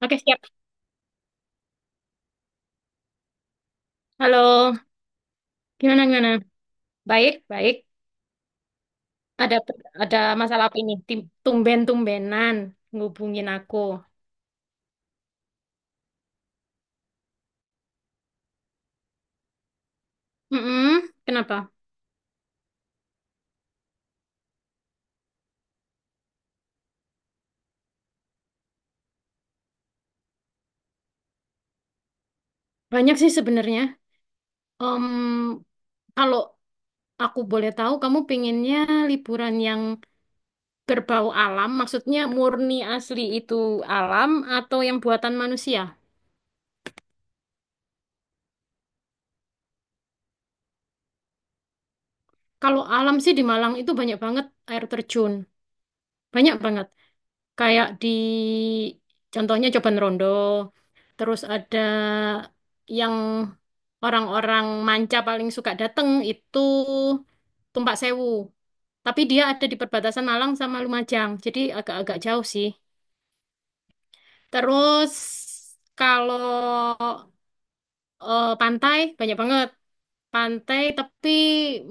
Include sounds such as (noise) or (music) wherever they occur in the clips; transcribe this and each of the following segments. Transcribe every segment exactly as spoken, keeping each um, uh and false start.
Oke, siap. Halo, gimana gimana? Baik, baik. Ada ada masalah apa ini? Tim- Tumben-tumbenan ngubungin aku. Mm-mm, kenapa? Banyak sih sebenarnya. Em, Kalau aku boleh tahu, kamu pengennya liburan yang berbau alam, maksudnya murni asli itu alam atau yang buatan manusia? Kalau alam sih di Malang itu banyak banget air terjun, banyak banget. Kayak di contohnya Coban Rondo, terus ada yang orang-orang manca paling suka dateng itu Tumpak Sewu. Tapi dia ada di perbatasan Malang sama Lumajang, jadi agak-agak jauh sih. Terus kalau eh, pantai banyak banget. Pantai, tapi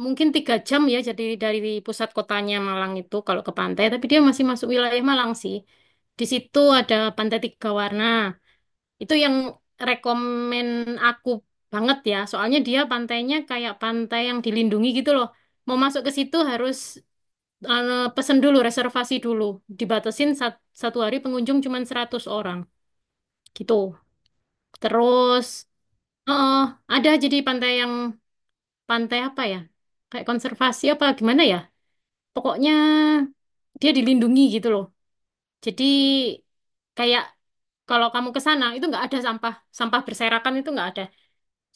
mungkin tiga jam ya, jadi dari pusat kotanya Malang itu kalau ke pantai, tapi dia masih masuk wilayah Malang sih. Di situ ada Pantai Tiga Warna. Itu yang rekomen aku banget ya, soalnya dia pantainya kayak pantai yang dilindungi gitu loh. Mau masuk ke situ harus eh, pesen dulu, reservasi dulu. Dibatasin sat- satu hari pengunjung cuma seratus orang gitu. Terus, oh, ada jadi pantai yang pantai apa ya? Kayak konservasi apa gimana ya? Pokoknya dia dilindungi gitu loh. Jadi kayak kalau kamu ke sana itu nggak ada sampah, sampah berserakan itu nggak ada.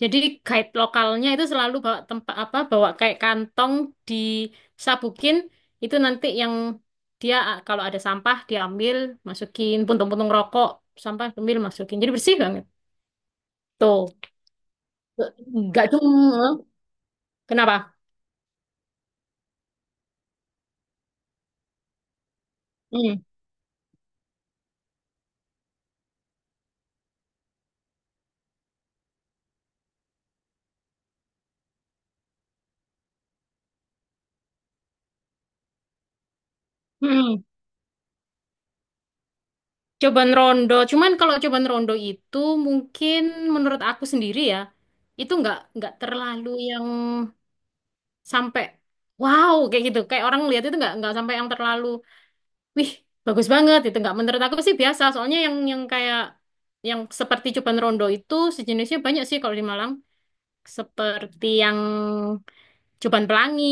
Jadi guide lokalnya itu selalu bawa tempat apa, bawa kayak kantong disabukin itu nanti yang dia ah, kalau ada sampah diambil, masukin puntung-puntung rokok, sampah ambil masukin. Jadi bersih banget. Tuh, nggak cuma kenapa? Hmm. Hmm. Cobaan rondo, cuman kalau cobaan rondo itu mungkin menurut aku sendiri ya, itu nggak nggak terlalu yang sampai wow kayak gitu. Kayak orang lihat itu nggak nggak sampai yang terlalu wih bagus banget itu nggak menurut aku sih biasa. Soalnya yang yang kayak yang seperti cobaan rondo itu sejenisnya banyak sih kalau di Malang. Seperti yang Coban Pelangi,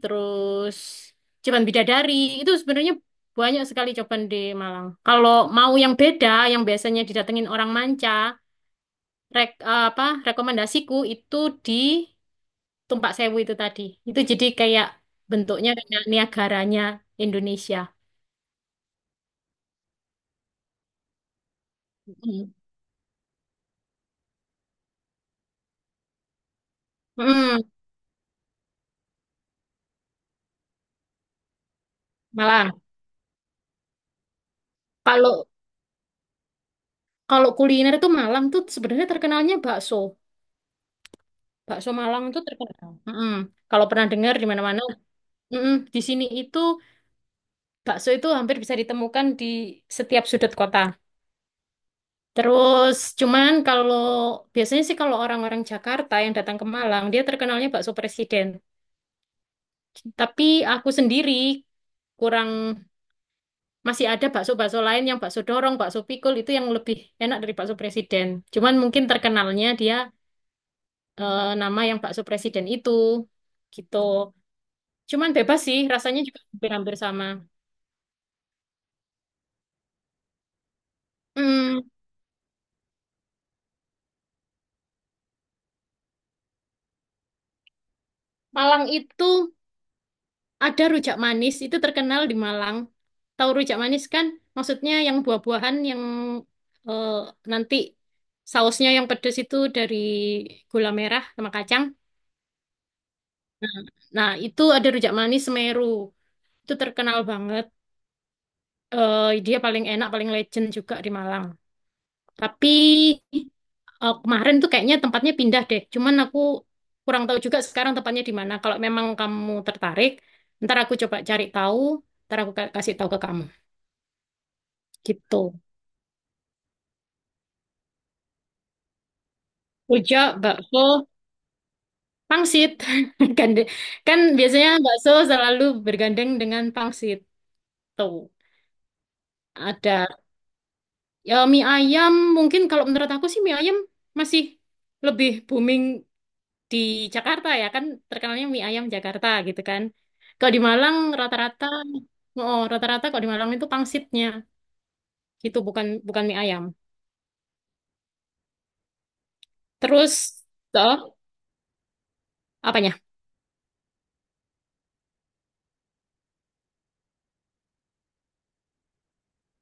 terus Coban Bidadari. Itu sebenarnya banyak sekali coban di Malang. Kalau mau yang beda, yang biasanya didatengin orang manca, rek, eh, apa rekomendasiku itu di Tumpak Sewu itu tadi. Itu jadi kayak bentuknya kayak Niagaranya Indonesia. Mm. Mm, Malang. Kalau kalau kuliner itu Malang tuh sebenarnya terkenalnya bakso. Bakso Malang itu terkenal. Mm-mm. Kalau pernah dengar di mana-mana, mm-mm, di sini itu bakso itu hampir bisa ditemukan di setiap sudut kota. Terus cuman kalau biasanya sih kalau orang-orang Jakarta yang datang ke Malang, dia terkenalnya bakso presiden. Tapi aku sendiri kurang masih ada bakso-bakso lain yang bakso dorong, bakso pikul itu yang lebih enak dari bakso presiden. Cuman mungkin terkenalnya dia eh, nama yang bakso presiden itu gitu. Cuman bebas sih, rasanya juga hampir-hampir sama. Hmm, Malang itu ada rujak manis itu terkenal di Malang. Tahu rujak manis kan? Maksudnya yang buah-buahan yang eh, nanti sausnya yang pedas itu dari gula merah sama kacang. Nah, itu ada rujak manis Semeru. Itu terkenal banget. Eh, dia paling enak, paling legend juga di Malang. Tapi eh, kemarin tuh kayaknya tempatnya pindah deh. Cuman aku kurang tahu juga sekarang tempatnya di mana. Kalau memang kamu tertarik, ntar aku coba cari tahu, ntar aku ka- kasih tahu ke kamu. Gitu. Ujo, bakso, pangsit. (laughs) Gande- Kan biasanya bakso selalu bergandeng dengan pangsit. Tuh, ada ya mie ayam. Mungkin kalau menurut aku sih mie ayam masih lebih booming di Jakarta ya kan terkenalnya mie ayam Jakarta gitu kan. Kalau di Malang rata-rata oh rata-rata kalau di Malang itu pangsitnya gitu bukan bukan mie ayam. Terus toh apanya?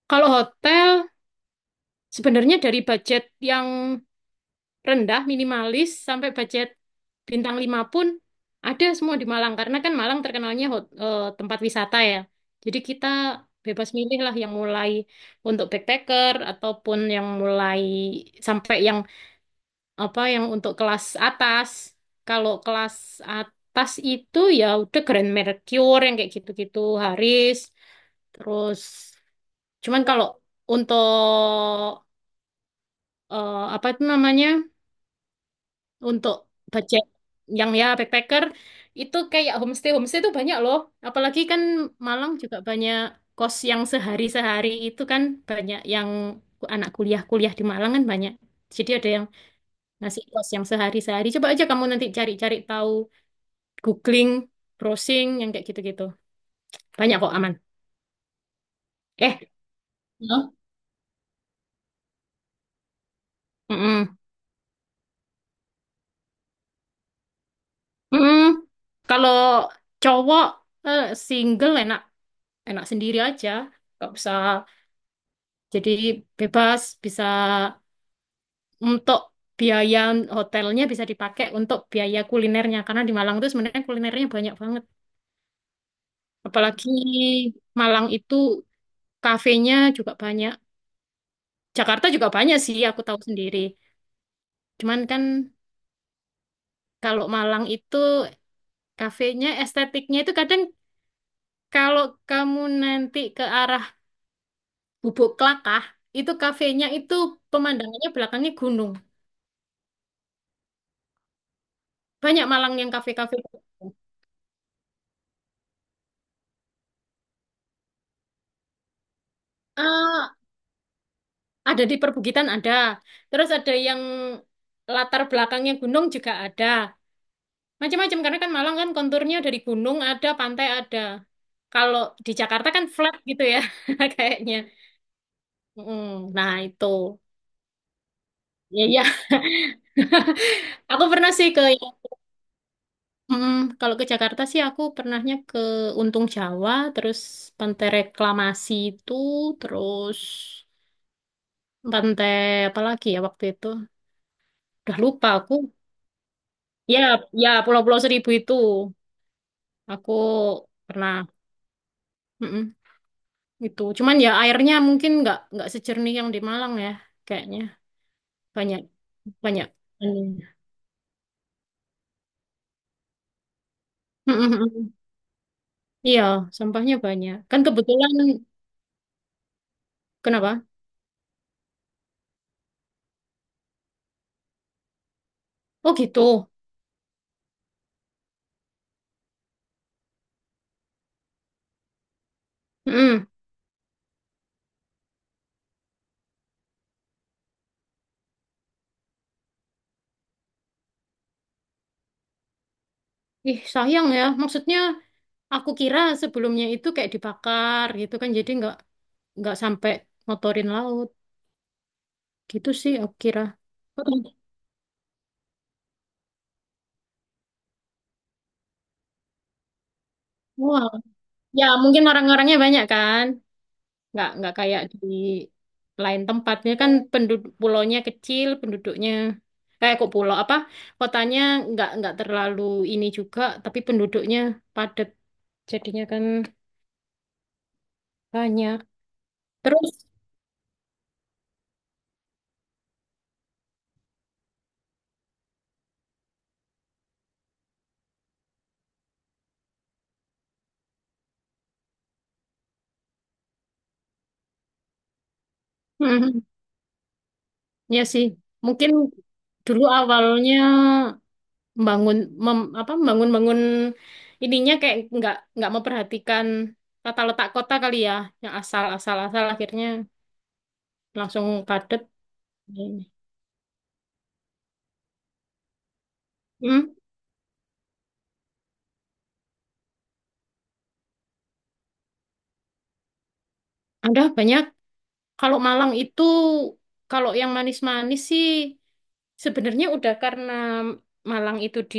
Kalau hotel sebenarnya dari budget yang rendah, minimalis, sampai budget bintang lima pun ada semua di Malang. Karena kan Malang terkenalnya hot- eh, tempat wisata ya. Jadi kita bebas milih lah yang mulai untuk backpacker ataupun yang mulai sampai yang apa yang untuk kelas atas. Kalau kelas atas itu ya udah Grand Mercure yang kayak gitu-gitu, Haris, terus cuman kalau untuk eh, apa itu namanya? Untuk budget yang ya backpacker itu kayak homestay homestay itu banyak loh apalagi kan Malang juga banyak kos yang sehari-sehari itu kan banyak yang ku- anak kuliah-kuliah di Malang kan banyak jadi ada yang ngasih kos yang sehari-sehari coba aja kamu nanti cari-cari tahu googling browsing yang kayak gitu-gitu banyak kok aman. eh Halo? Mm-mm. Mm-mm. Kalau cowok eh, single enak enak sendiri aja nggak usah. Jadi bebas bisa untuk biaya hotelnya bisa dipakai untuk biaya kulinernya karena di Malang itu sebenarnya kulinernya banyak banget. Apalagi Malang itu kafenya juga banyak. Jakarta juga banyak sih aku tahu sendiri. Cuman kan kalau Malang itu kafenya estetiknya itu kadang kalau kamu nanti ke arah Bubuk Klakah itu kafenya itu pemandangannya belakangnya gunung. Banyak Malang yang kafe-kafe. Ah, ada di perbukitan ada. Terus ada yang latar belakangnya gunung juga ada. Macam-macam karena kan Malang kan konturnya dari gunung ada, pantai ada. Kalau di Jakarta kan flat gitu ya (laughs) kayaknya. Mm, nah itu. Ya ya, aku pernah sih ke Mm, kalau ke Jakarta sih aku pernahnya ke Untung Jawa, terus Pantai Reklamasi itu, terus pantai apa lagi ya waktu itu? Udah lupa aku. Ya, ya Pulau-Pulau Seribu itu. Aku pernah mm-mm, itu. Cuman ya airnya mungkin nggak nggak sejernih yang di Malang ya, kayaknya banyak banyak. Mm. Mm-mm-mm. Iya, sampahnya banyak. Kan kebetulan kenapa? Oh gitu. Mm-mm. Ih sayang ya. Maksudnya aku kira sebelumnya itu kayak dibakar gitu kan, jadi nggak nggak sampai motorin laut. Gitu sih aku kira. Oh, wah, ya mungkin orang-orangnya banyak kan. nggak nggak kayak di lain tempatnya kan penduduk pulaunya kecil penduduknya kayak kok pulau apa kotanya nggak nggak terlalu ini juga tapi penduduknya padat jadinya kan banyak terus (laughs) mhm, ya sih mungkin dulu awalnya membangun mem- apa membangun bangun ininya kayak nggak nggak memperhatikan tata letak kota kali ya yang asal asal asal akhirnya langsung padat ini. Hmm, ada banyak. Kalau Malang itu, kalau yang manis-manis sih, sebenarnya udah karena Malang itu di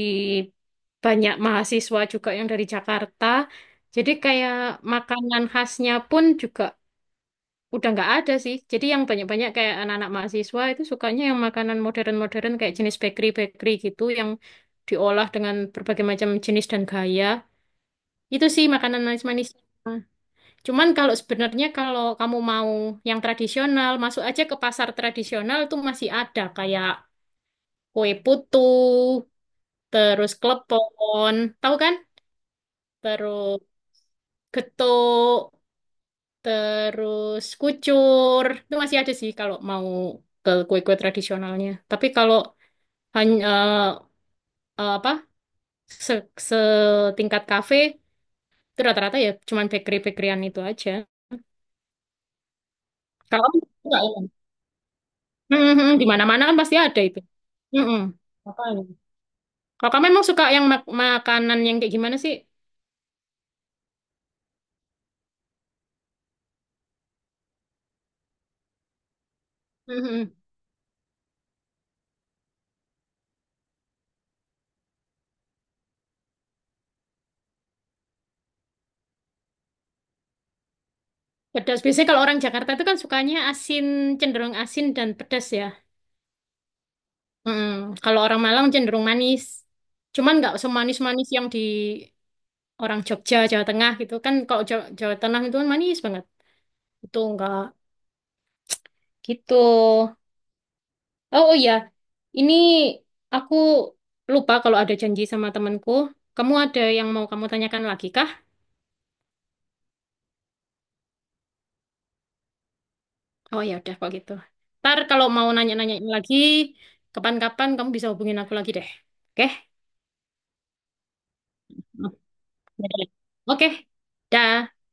banyak mahasiswa juga yang dari Jakarta. Jadi kayak makanan khasnya pun juga udah nggak ada sih. Jadi yang banyak-banyak kayak anak-anak mahasiswa itu sukanya yang makanan modern-modern kayak jenis bakery-bakery gitu yang diolah dengan berbagai macam jenis dan gaya. Itu sih makanan manis-manis. Cuman kalau sebenarnya kalau kamu mau yang tradisional, masuk aja ke pasar tradisional tuh masih ada kayak kue putu, terus klepon, tahu kan? Terus getuk, terus kucur. Itu masih ada sih kalau mau ke kue-kue tradisionalnya. Tapi kalau hanya eh, eh, apa se setingkat kafe itu rata-rata ya cuman bakery-bakeryan itu aja. Kalau kamu suka ya? Mhm, mhm, di mana-mana kan pasti ada itu. Mhm, makanya. Kakak memang suka yang mak- makanan yang kayak gimana sih? Mhm. Pedas. Biasanya kalau orang Jakarta itu kan sukanya asin, cenderung asin dan pedas ya. Mhm. Kalau orang Malang cenderung manis. Cuman nggak semanis-manis yang di orang Jogja, Jawa Tengah gitu kan. Kalau Jawa, Jawa Tengah itu kan manis banget. Itu nggak gitu. Oh, oh iya, ini aku lupa kalau ada janji sama temanku. Kamu ada yang mau kamu tanyakan lagi kah? Oh ya udah kok gitu. Ntar kalau mau nanya-nanya lagi, kapan-kapan kamu bisa hubungin aku lagi deh. Oke? Oke. Oke. Dah.